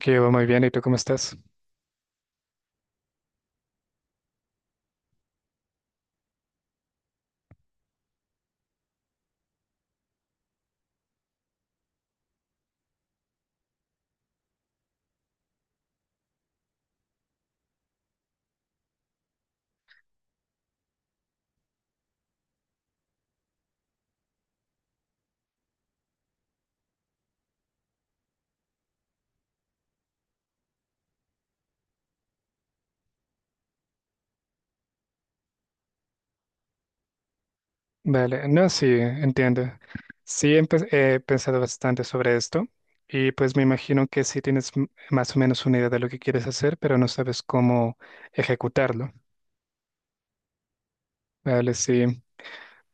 Que va muy bien, ¿y tú cómo estás? Vale, no, sí, entiendo. Sí, he pensado bastante sobre esto y pues me imagino que sí tienes más o menos una idea de lo que quieres hacer, pero no sabes cómo ejecutarlo. Vale, sí.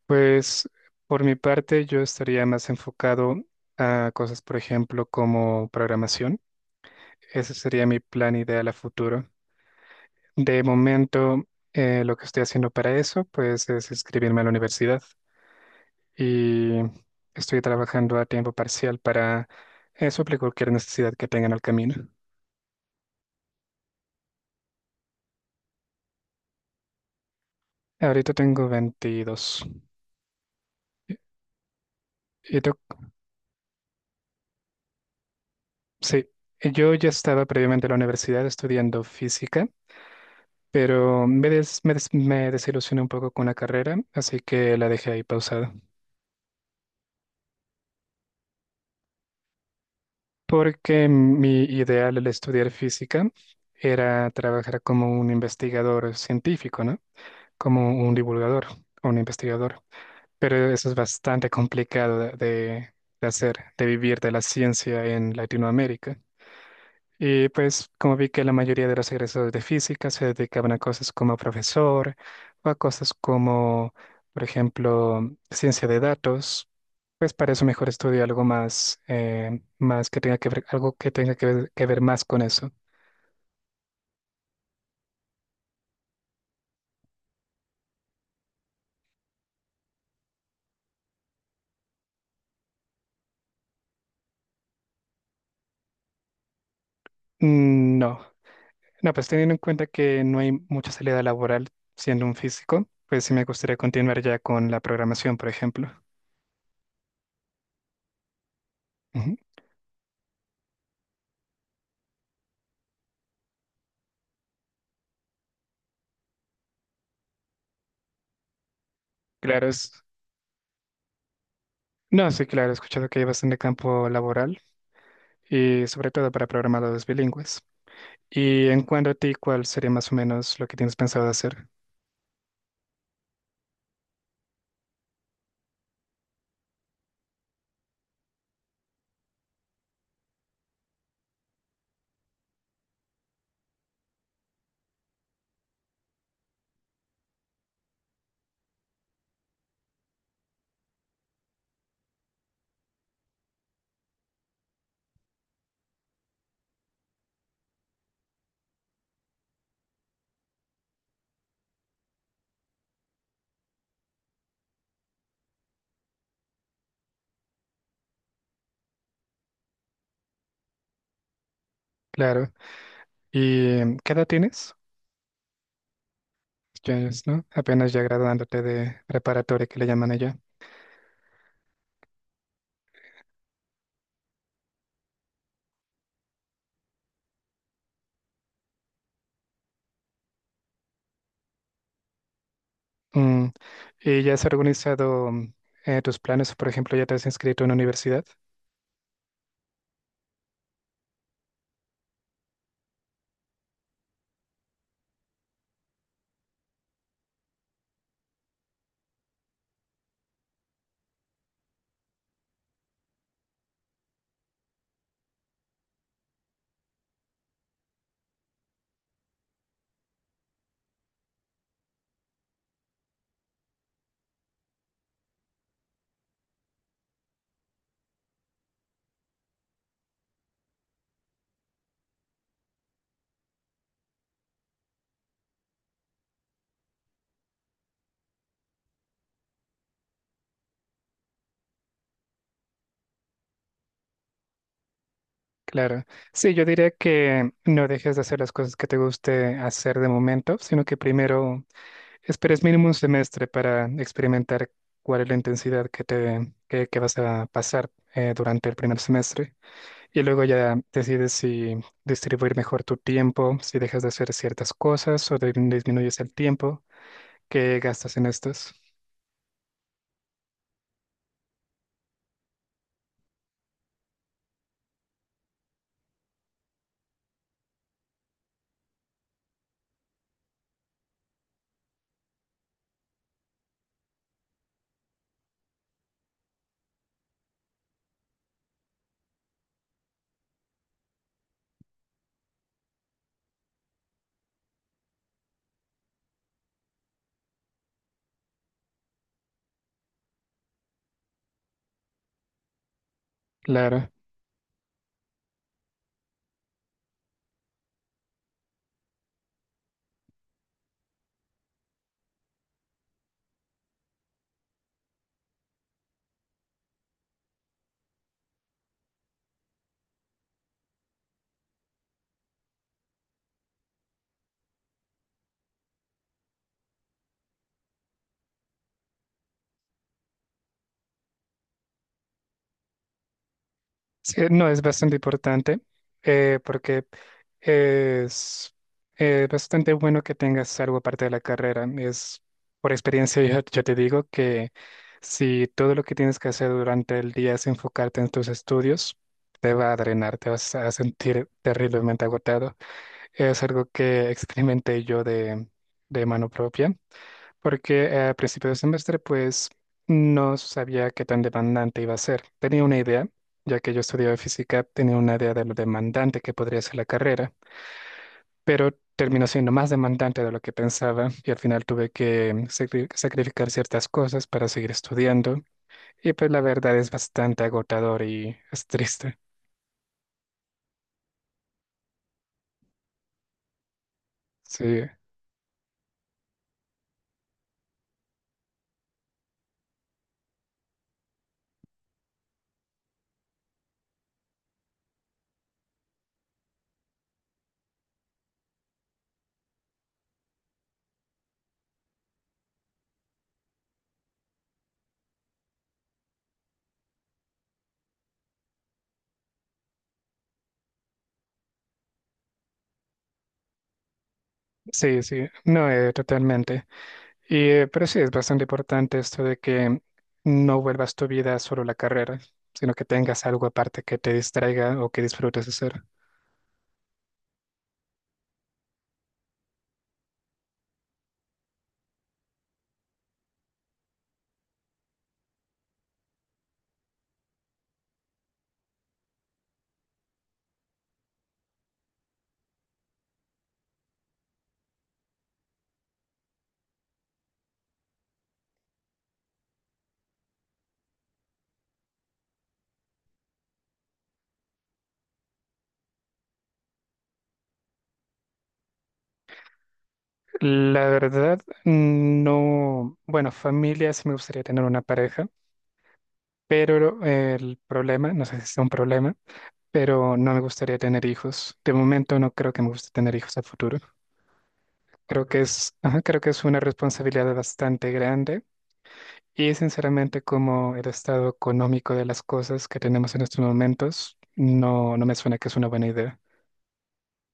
Pues por mi parte yo estaría más enfocado a cosas, por ejemplo, como programación. Ese sería mi plan ideal a futuro. De momento, lo que estoy haciendo para eso, pues es inscribirme a la universidad. Y estoy trabajando a tiempo parcial para suplir cualquier necesidad que tenga en el camino. Ahorita tengo 22. ¿Y tú? Sí, yo ya estaba previamente en la universidad estudiando física, pero me desilusioné un poco con la carrera, así que la dejé ahí pausada. Porque mi ideal al estudiar física era trabajar como un investigador científico, ¿no? Como un divulgador o un investigador. Pero eso es bastante complicado de hacer, de vivir de la ciencia en Latinoamérica. Y pues como vi que la mayoría de los egresados de física se dedicaban a cosas como profesor o a cosas como, por ejemplo, ciencia de datos, pues para eso mejor estudio algo más, más que tenga que ver, algo que tenga que ver más con eso. Mm. No, no, pues teniendo en cuenta que no hay mucha salida laboral siendo un físico, pues sí me gustaría continuar ya con la programación, por ejemplo. Ujú. Claro, es... No, sí, claro, he escuchado que hay bastante campo laboral y sobre todo para programadores bilingües. Y en cuanto a ti, ¿cuál sería más o menos lo que tienes pensado hacer? Claro. ¿Y qué edad tienes? Ya es, ¿no? Apenas ya graduándote de preparatoria que le llaman allá. Mm, ¿Y ya has organizado tus planes? Por ejemplo, ¿ya te has inscrito en una universidad? Claro. Sí, yo diría que no dejes de hacer las cosas que te guste hacer de momento, sino que primero esperes mínimo un semestre para experimentar cuál es la intensidad que vas a pasar durante el primer semestre y luego ya decides si distribuir mejor tu tiempo, si dejas de hacer ciertas cosas o disminuyes el tiempo que gastas en estas. Claro. Sí, no, es bastante importante porque es bastante bueno que tengas algo aparte de la carrera. Es, por experiencia, yo te digo que si todo lo que tienes que hacer durante el día es enfocarte en tus estudios, te va a drenar, te vas a sentir terriblemente agotado. Es algo que experimenté yo de mano propia porque a principio de semestre pues no sabía qué tan demandante iba a ser. Tenía una idea, ya que yo estudiaba física, tenía una idea de lo demandante que podría ser la carrera, pero terminó siendo más demandante de lo que pensaba y al final tuve que sacrificar ciertas cosas para seguir estudiando y pues la verdad es bastante agotador y es triste. Sí, sí, sí, no, totalmente. Y, pero sí, es bastante importante esto de que no vuelvas tu vida solo la carrera, sino que tengas algo aparte que te distraiga o que disfrutes hacer. La verdad, no, bueno, familia, sí me gustaría tener una pareja, pero el problema, no sé si es un problema, pero no me gustaría tener hijos. De momento no creo que me guste tener hijos a futuro. Creo que es, ajá, creo que es una responsabilidad bastante grande. Y sinceramente, como el estado económico de las cosas que tenemos en estos momentos, no, no me suena que es una buena idea.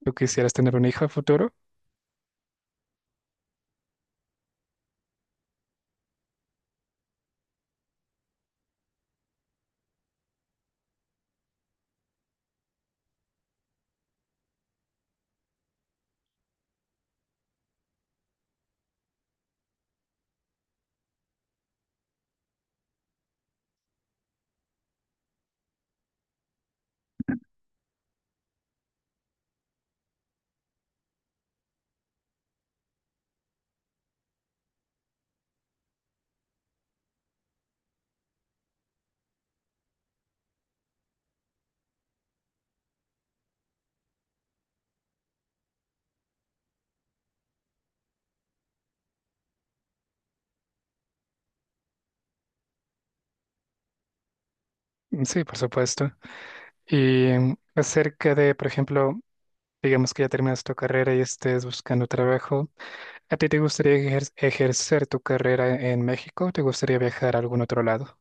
¿Tú quisieras tener un hijo a futuro? Mm. Sí, por supuesto. Y acerca de, por ejemplo, digamos que ya terminas tu carrera y estés buscando trabajo, ¿a ti te gustaría ejercer tu carrera en México o te gustaría viajar a algún otro lado?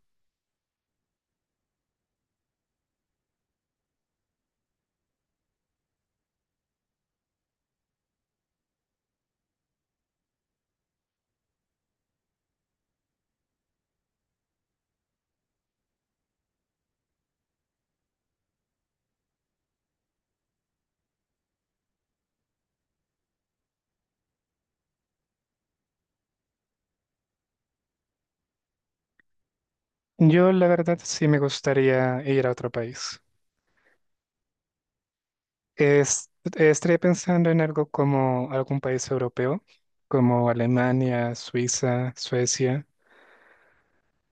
Yo, la verdad, sí me gustaría ir a otro país. Es, estaría pensando en algo como algún país europeo, como Alemania, Suiza, Suecia.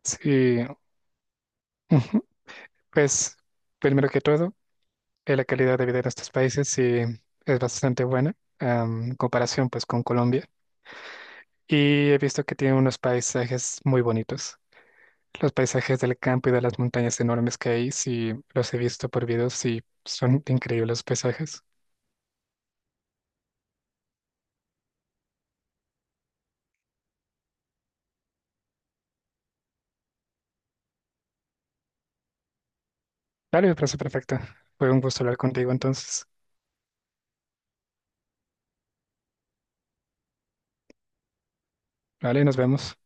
Sí, ujú. Pues primero que todo, la calidad de vida de estos países sí es bastante buena, en comparación pues con Colombia. Y he visto que tiene unos paisajes muy bonitos. Los paisajes del campo y de las montañas enormes que hay, sí los he visto por videos y son increíbles los paisajes. Vale, me parece perfecto. Fue un gusto hablar contigo entonces. Vale, nos vemos.